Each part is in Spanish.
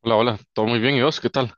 Hola, hola, todo muy bien, ¿y vos qué tal?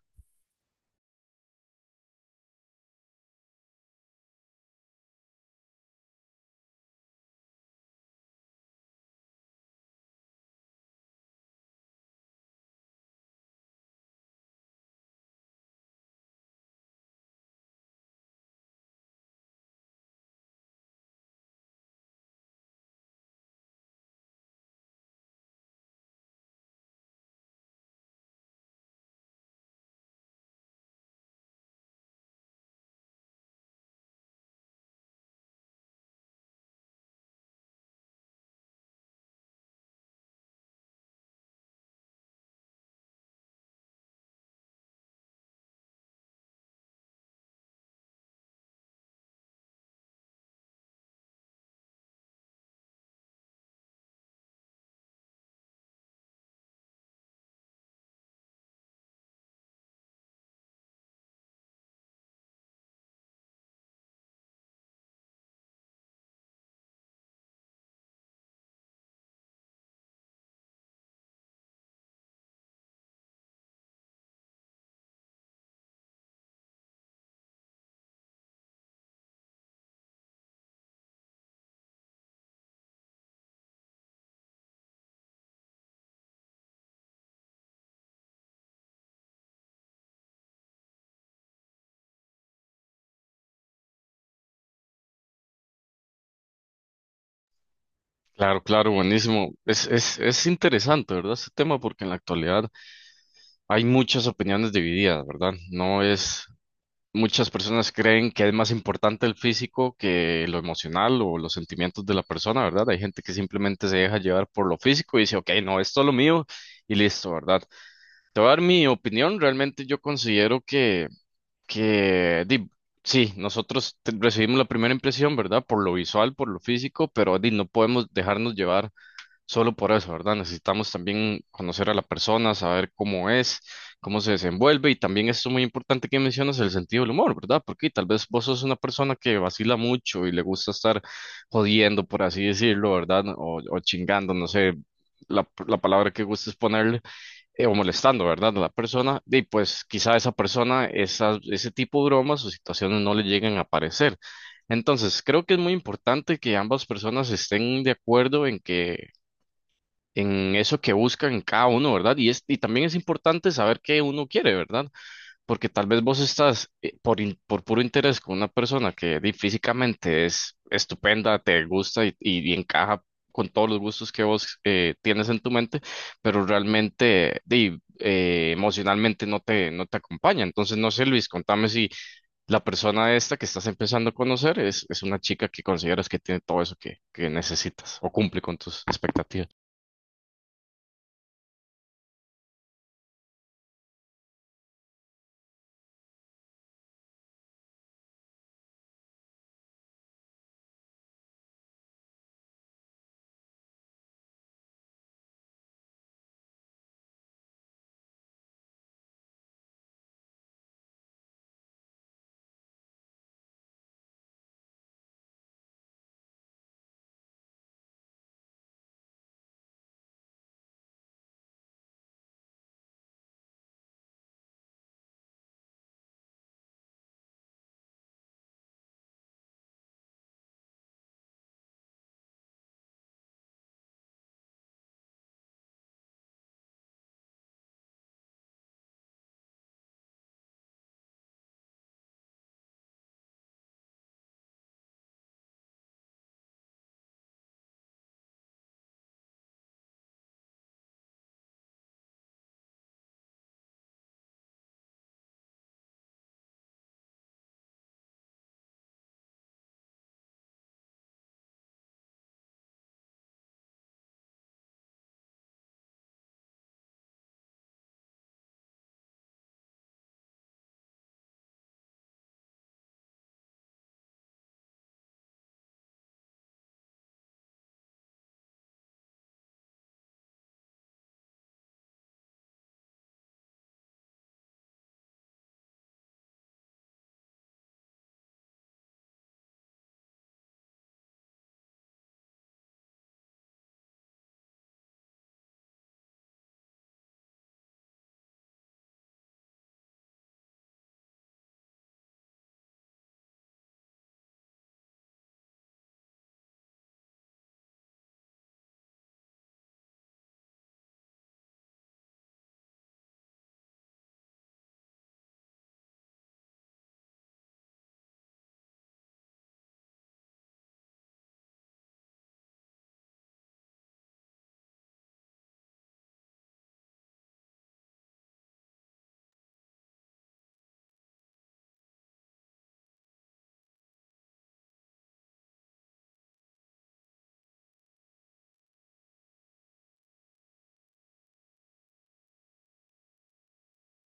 Claro, claro, buenísimo. Es interesante, ¿verdad? Este tema porque en la actualidad hay muchas opiniones divididas, ¿verdad? No es, muchas personas creen que es más importante el físico que lo emocional o los sentimientos de la persona, ¿verdad? Hay gente que simplemente se deja llevar por lo físico y dice, ok, no, esto es lo mío y listo, ¿verdad? Te voy a dar mi opinión, realmente yo considero que que di, sí, recibimos la primera impresión, ¿verdad? Por lo visual, por lo físico, pero di, no podemos dejarnos llevar solo por eso, ¿verdad? Necesitamos también conocer a la persona, saber cómo es, cómo se desenvuelve y también esto muy importante que mencionas, el sentido del humor, ¿verdad? Porque tal vez vos sos una persona que vacila mucho y le gusta estar jodiendo, por así decirlo, ¿verdad? O chingando, no sé. La palabra que gustes ponerle, o molestando, ¿verdad? A la persona, y pues quizá esa persona, ese tipo de bromas o situaciones no le lleguen a aparecer. Entonces, creo que es muy importante que ambas personas estén de acuerdo en que en eso que buscan cada uno, ¿verdad? Y también es importante saber qué uno quiere, ¿verdad? Porque tal vez vos estás por puro interés con una persona que di, físicamente es estupenda, te gusta y encaja con todos los gustos que vos tienes en tu mente, pero realmente di, emocionalmente no te acompaña. Entonces, no sé, Luis, contame si la persona esta que estás empezando a conocer es una chica que consideras que tiene todo eso que necesitas o cumple con tus expectativas.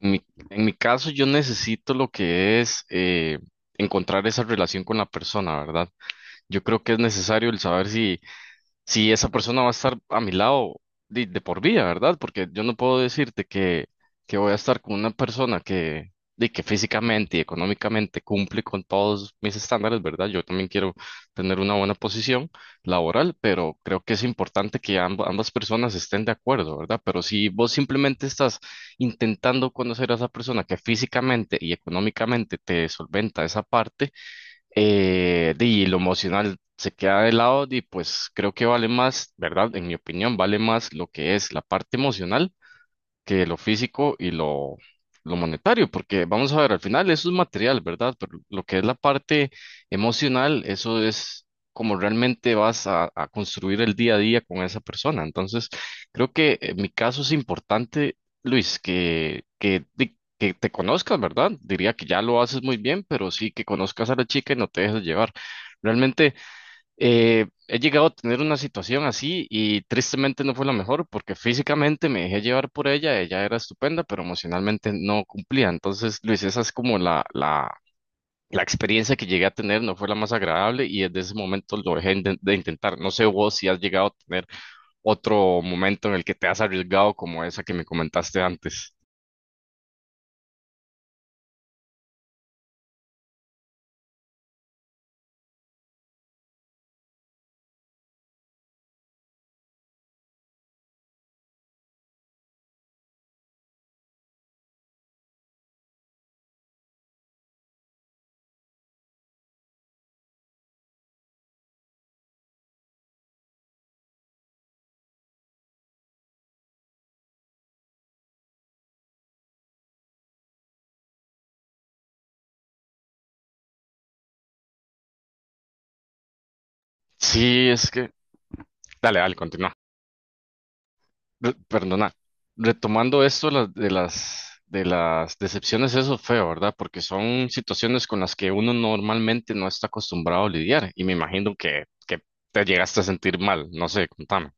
En mi, en mi caso, yo necesito lo que es encontrar esa relación con la persona, ¿verdad? Yo creo que es necesario el saber si esa persona va a estar a mi lado de por vida, ¿verdad? Porque yo no puedo decirte que voy a estar con una persona que, de que físicamente y económicamente cumple con todos mis estándares, ¿verdad? Yo también quiero tener una buena posición laboral, pero creo que es importante que ambas personas estén de acuerdo, ¿verdad? Pero si vos simplemente estás intentando conocer a esa persona que físicamente y económicamente te solventa esa parte, y lo emocional se queda de lado y pues creo que vale más, ¿verdad? En mi opinión, vale más lo que es la parte emocional que lo físico y lo monetario, porque vamos a ver, al final eso es material, ¿verdad? Pero lo que es la parte emocional, eso es como realmente vas a construir el día a día con esa persona. Entonces, creo que en mi caso es importante, Luis, que te conozcas, ¿verdad? Diría que ya lo haces muy bien, pero sí que conozcas a la chica y no te dejes llevar. Realmente... he llegado a tener una situación así y tristemente no fue la mejor porque físicamente me dejé llevar por ella, ella era estupenda, pero emocionalmente no cumplía. Entonces, Luis, esa es como la experiencia que llegué a tener, no fue la más agradable y desde ese momento lo dejé de intentar. No sé vos si has llegado a tener otro momento en el que te has arriesgado como esa que me comentaste antes. Sí, es que... Dale, dale, continúa. Perdona, retomando esto de de las decepciones, eso es feo, ¿verdad? Porque son situaciones con las que uno normalmente no está acostumbrado a lidiar y me imagino que te llegaste a sentir mal, no sé, contame.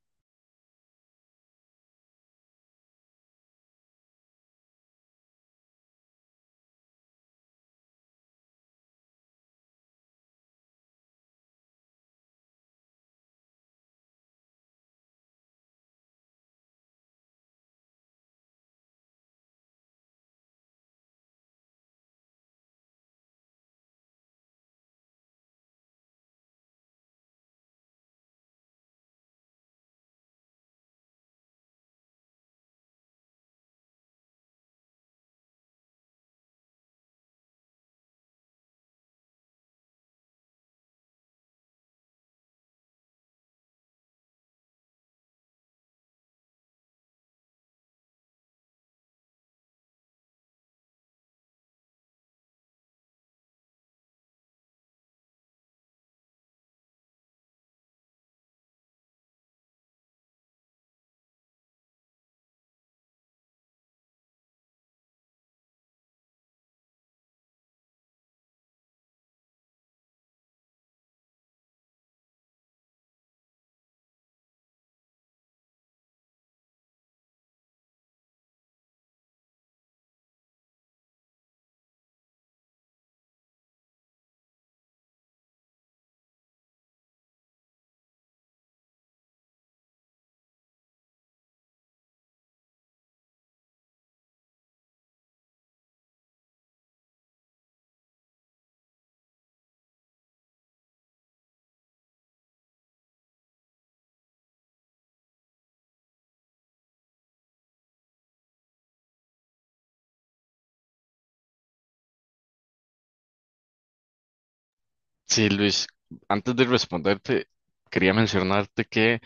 Sí, Luis, antes de responderte, quería mencionarte que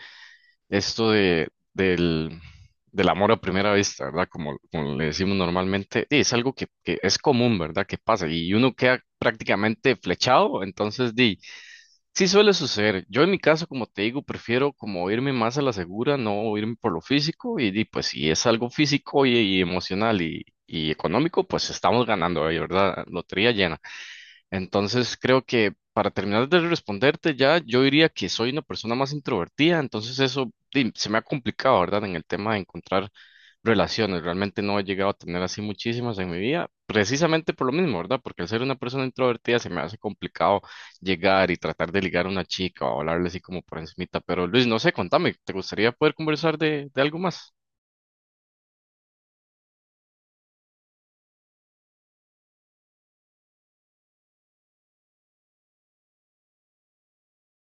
esto del amor a primera vista, ¿verdad? Como, como le decimos normalmente, sí, es algo que es común, ¿verdad? Que pasa y uno queda prácticamente flechado, entonces, di. Sí suele suceder. Yo en mi caso, como te digo, prefiero como irme más a la segura, no irme por lo físico y, di, pues si es algo físico y emocional y económico, pues estamos ganando, ahí, ¿verdad? Lotería llena. Entonces creo que para terminar de responderte ya, yo diría que soy una persona más introvertida, entonces eso di, se me ha complicado, ¿verdad? En el tema de encontrar relaciones, realmente no he llegado a tener así muchísimas en mi vida, precisamente por lo mismo, ¿verdad? Porque al ser una persona introvertida se me hace complicado llegar y tratar de ligar a una chica o hablarle así como por encimita, pero Luis, no sé, contame, ¿te gustaría poder conversar de algo más?